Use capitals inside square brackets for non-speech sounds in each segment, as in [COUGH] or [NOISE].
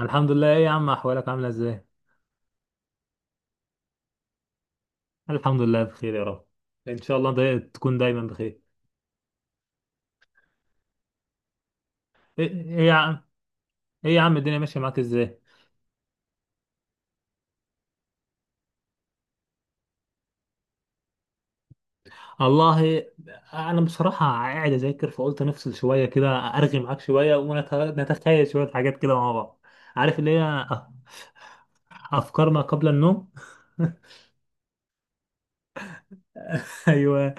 الحمد لله. ايه يا عم، احوالك عامله ازاي؟ الحمد لله بخير يا رب. ان شاء الله تكون دايما بخير. ايه إيه يا عم، ايه يا عم الدنيا ماشيه معاك ازاي؟ والله انا بصراحه قاعد اذاكر، فقلت نفصل شويه كده ارغي معاك شويه ونتخيل شويه حاجات كده مع بعض. عارف اللي هي افكار ما قبل النوم. [LAUGHS] ايوه،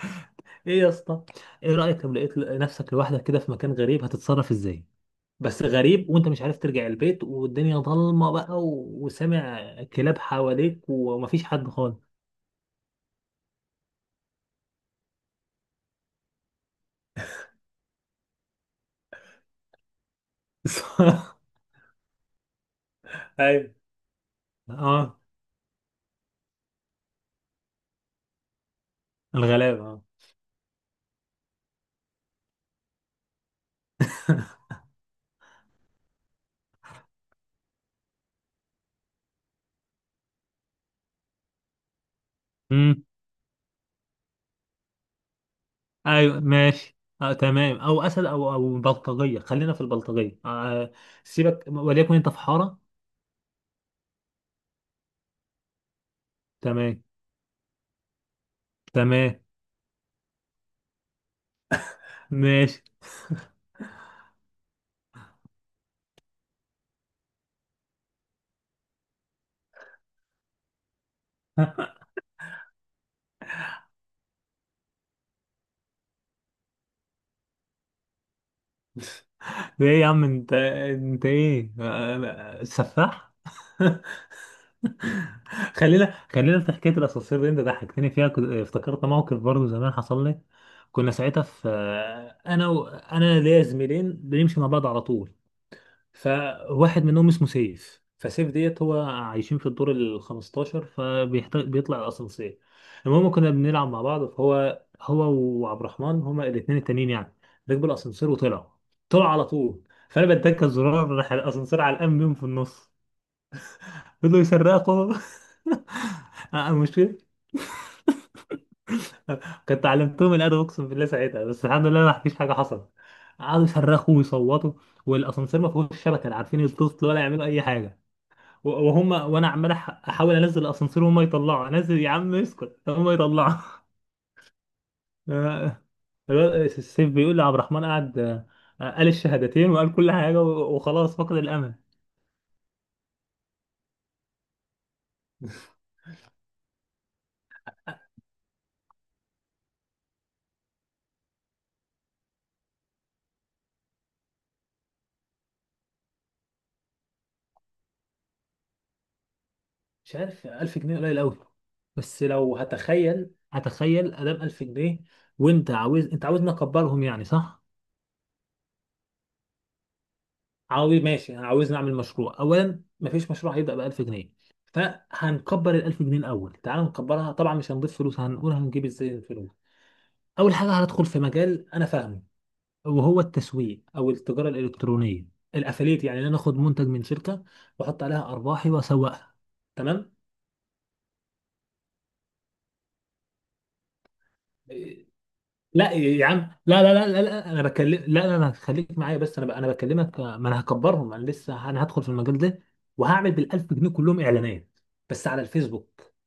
ايه يا اسطى، ايه رايك لو لقيت نفسك لوحدك كده في مكان غريب هتتصرف ازاي؟ بس غريب وانت مش عارف ترجع البيت والدنيا ضلمه بقى وسامع كلاب حواليك ومفيش حد خالص. [LAUGHS] ايوه. اه، الغلابه اه. امم. ايوه ماشي، آه تمام، او اسد او بلطجيه، خلينا في البلطجيه آه. سيبك، وليكن انت في حاره. تمام. تمام ماشي. [LAUGHS] ده ايه يا عم، انت ايه، آه، سفاح. [LAUGHS] خلينا في حكايه الاسانسير دي، انت ضحكتني فيها. افتكرت موقف برضه زمان حصل لي. كنا ساعتها في، انا ليا زميلين بنمشي مع بعض على طول. فواحد منهم اسمه سيف، فسيف ديت هو عايشين في الدور ال 15 فبيطلع الاسانسير. المهم كنا بنلعب مع بعض، فهو وعبد الرحمن هما الاثنين التانيين يعني. ركبوا الاسانسير وطلعوا، طلعوا على طول. فانا بدك الزرار، راح الاسانسير على الام بيهم في النص. فضلوا يسرقوا. [LAUGHS] المشكلة كنت علمتهم الادب اقسم بالله ساعتها، بس الحمد لله ما فيش حاجه حصلت. قعدوا يصرخوا ويصوتوا، والاسانسير ما فيهوش شبكه، لا عارفين يتصلوا ولا يعملوا اي حاجه. وهم وانا عمال احاول انزل الاسانسير وهم يطلعوا، انزل يا عم اسكت، هم يطلعوا. [LAUGHS] آه، الواد السيف بيقول لي عبد الرحمن قعد، آه، قال الشهادتين وقال كل حاجه وخلاص فقد الامل. مش عارف، 1000 جنيه قليل قوي. بس لو هتخيل، هتخيل ادام 1000 جنيه، وانت عاوز، انت عاوزني اكبرهم يعني صح؟ عاوز ماشي، عاوز نعمل مشروع. اولا مفيش مشروع هيبدا ب 1000 جنيه، فهنكبر ال 1000 جنيه الاول. تعال نكبرها. طبعا مش هنضيف فلوس، هنقول هنجيب ازاي الفلوس. اول حاجه هندخل في مجال انا فاهمه، وهو التسويق او التجاره الالكترونيه، الافليت. يعني ان انا اخد منتج من شركه واحط عليها ارباحي واسوقها. تمام. إيه، لا يا عم، لا انا بكلم، لا خليك معايا، انا بكلمك آه، ما انا هكبرهم، انا لسه انا هدخل في المجال ده. وهعمل بال 1000 جنيه كلهم اعلانات، بس على الفيسبوك.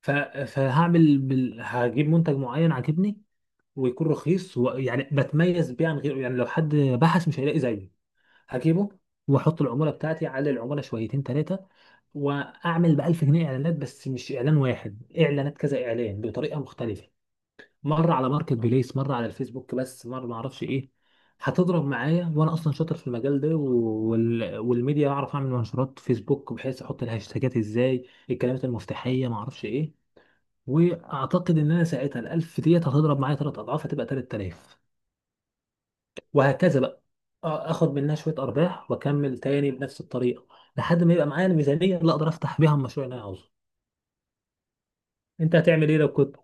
ف- فهعمل هجيب منتج معين عاجبني ويكون رخيص ويعني بتميز بيه عن غيره، يعني لو حد بحث مش هيلاقي زيه. هجيبه واحط العموله بتاعتي على العموله شويتين ثلاثه، واعمل ب 1000 جنيه اعلانات، بس مش اعلان واحد، اعلانات كذا اعلان بطريقه مختلفه. مره على ماركت بليس، مره على الفيسبوك بس، مره ما اعرفش ايه. هتضرب معايا، وانا اصلا شاطر في المجال ده والميديا، بعرف اعمل منشورات فيسبوك بحيث احط الهاشتاجات ازاي، الكلمات المفتاحيه ما اعرفش ايه. واعتقد ان انا ساعتها ال 1000 ديت هتضرب معايا ثلاث اضعاف، هتبقى 3000، وهكذا بقى. آه، اخد منها شويه ارباح واكمل تاني بنفس الطريقه، لحد ما يبقى معايا الميزانيه اللي اقدر افتح بيها المشروع اللي انا عاوزه. انت هتعمل ايه لو كنت،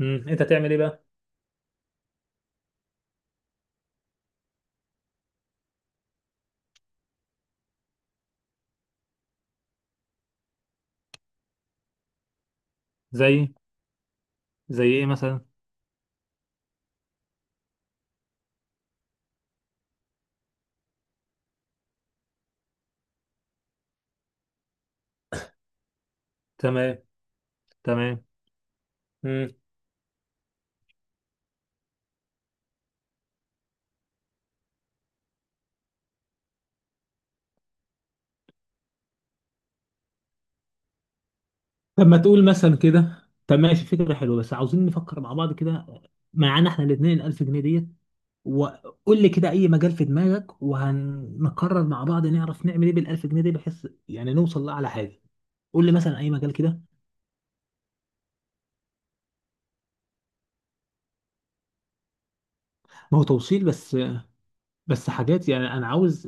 امم، انت هتعمل ايه بقى؟ زي؟ زي ايه مثلا؟ تمام. تمام. امم. طب ما تقول مثلا كده، طب ماشي فكره حلوه، بس عاوزين نفكر مع بعض كده. معانا احنا الاثنين 1000 جنيه ديت، وقول لي كده اي مجال في دماغك، وهنقرر مع بعض نعرف نعمل ايه بالالف جنيه دي بحيث يعني نوصل لاعلى حاجه. قول لي مثلا اي مجال كده. ما هو توصيل بس، بس حاجات يعني انا عاوز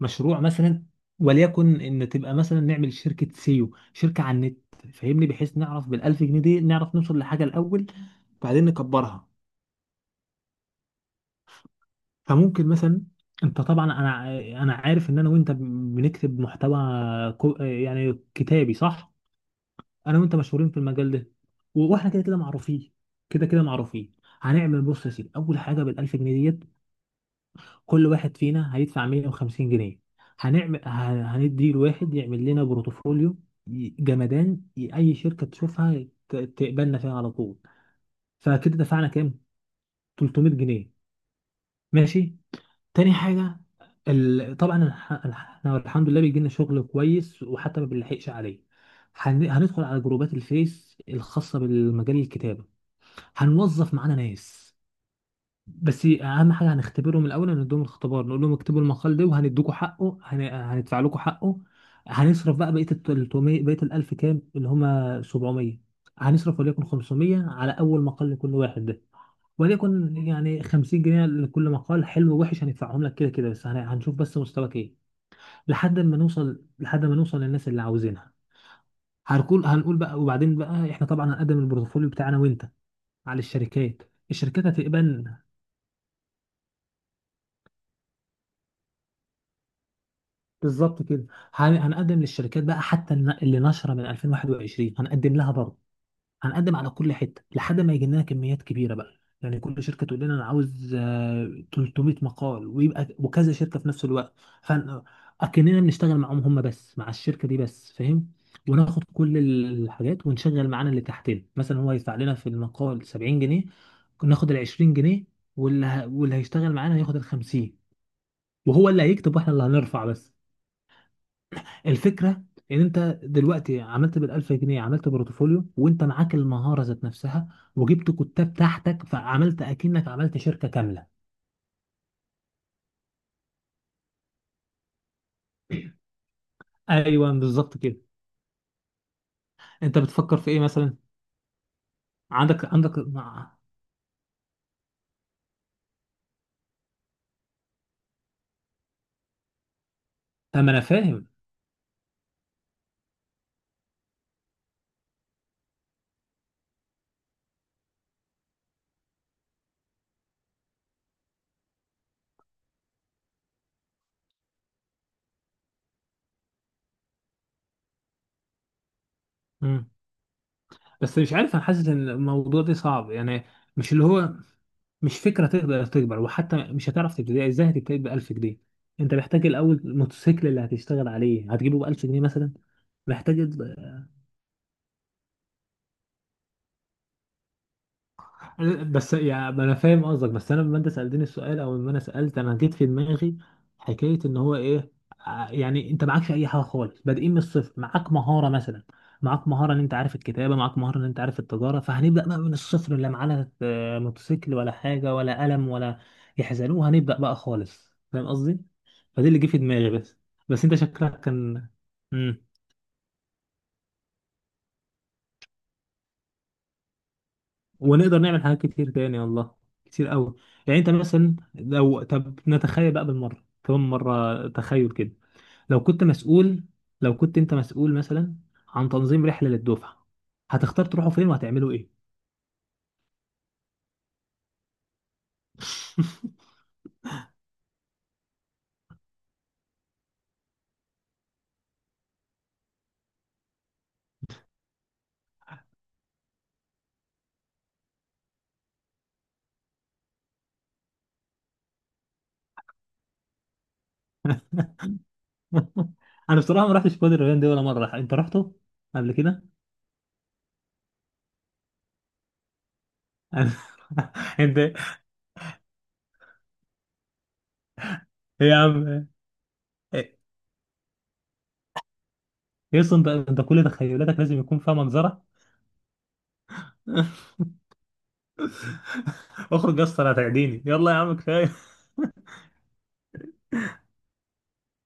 مشروع مثلا، وليكن ان تبقى مثلا نعمل شركه سيو، شركه على النت، فاهمني، بحيث نعرف بالالف جنيه دي نعرف نوصل لحاجه الاول بعدين نكبرها. فممكن مثلا، انت طبعا، انا عارف ان انا وانت بنكتب محتوى يعني كتابي صح. انا وانت مشهورين في المجال ده، واحنا كده كده معروفين، كده كده معروفين. هنعمل، بص يا سيدي، اول حاجه بالالف جنيه ديت كل واحد فينا هيدفع 150 جنيه. هنعمل هندي الواحد يعمل لنا بروتوفوليو جمدان، اي شركه تشوفها تقبلنا فيها على طول. فكده دفعنا كام؟ 300 جنيه. ماشي. تاني حاجه طبعا احنا الحمد لله بيجي لنا شغل كويس وحتى ما بنلحقش عليه. هندخل على جروبات الفيس الخاصه بالمجال الكتابه، هنوظف معانا ناس، بس اهم حاجه هنختبرهم الاول. هنديهم الاختبار، نقول لهم اكتبوا المقال ده وهندوكوا حقه، هندفع لكم حقه. هنصرف بقى بقيه ال 300، بقيه ال 1000 كام اللي هم؟ 700. هنصرف وليكن 500 على اول مقال لكل واحد ده، وليكن يعني 50 جنيه لكل مقال، حلو ووحش هندفعهم لك كده كده، بس هنشوف بس مستواك ايه لحد ما نوصل، لحد ما نوصل للناس اللي عاوزينها. هنقول بقى، وبعدين بقى احنا طبعا هنقدم البورتفوليو بتاعنا وانت على الشركات. الشركات هتقبل بالظبط كده. هنقدم للشركات بقى، حتى اللي نشره من 2021 هنقدم لها برضه. هنقدم على كل حته لحد ما يجي لنا كميات كبيره بقى. يعني كل شركه تقول لنا انا عاوز آه، 300 مقال، ويبقى وكذا شركه في نفس الوقت، فاكننا بنشتغل معاهم هم بس، مع الشركه دي بس، فاهم؟ وناخد كل الحاجات ونشغل معانا اللي تحتنا. مثلا هو يدفع لنا في المقال 70 جنيه، ناخد ال 20 جنيه، واللي هيشتغل معانا هياخد ال 50، وهو اللي هيكتب واحنا اللي هنرفع بس. الفكره ان انت دلوقتي عملت بال1000 جنيه عملت بورتفوليو، وانت معاك المهاره ذات نفسها، وجبت كتاب تحتك، فعملت اكنك عملت شركه كامله. ايوه بالظبط كده. انت بتفكر في ايه مثلا؟ عندك طب ما انا فاهم. مم. بس مش عارف، انا حاسس ان الموضوع ده صعب يعني. مش اللي هو، مش فكره تقدر تكبر، وحتى مش هتعرف تبتدي ازاي، هتبتدي ب 1000 جنيه؟ انت محتاج الاول الموتوسيكل اللي هتشتغل عليه هتجيبه ب 1000 جنيه مثلا؟ محتاج، بس يا ما انا فاهم قصدك، بس انا لما انت سالتني السؤال او لما انا سالت انا جيت في دماغي حكايه ان هو ايه، يعني انت معكش اي حاجه خالص، بادئين من الصفر. معاك مهاره مثلا، معاك مهاره ان انت عارف الكتابه، معاك مهاره ان انت عارف التجاره، فهنبدا بقى من الصفر، لا معانا آه، موتوسيكل ولا حاجه ولا قلم ولا يحزنوه، هنبدا بقى خالص. فاهم قصدي؟ فدي اللي جه في دماغي بس. بس انت شكلك كان. ونقدر نعمل حاجات كتير تاني والله، كتير قوي. يعني انت مثلا لو، طب نتخيل بقى بالمره، كمان مره تخيل كده. لو كنت مسؤول، لو كنت انت مسؤول مثلا عن تنظيم رحله للدفعه، هتختار تروحوا فين وهتعملوا ايه؟ [LAUGHS] انا بصراحه ما رحتش وادي الريان دي ولا مره. انت رحته قبل كده؟ أنا- [LAUGHS] انت يا عم، يس، انت كل تخيلاتك لازم يكون فيها منظره. [LAUGHS] اخرج يا اسطى هتعديني، يلا يا عم كفايه.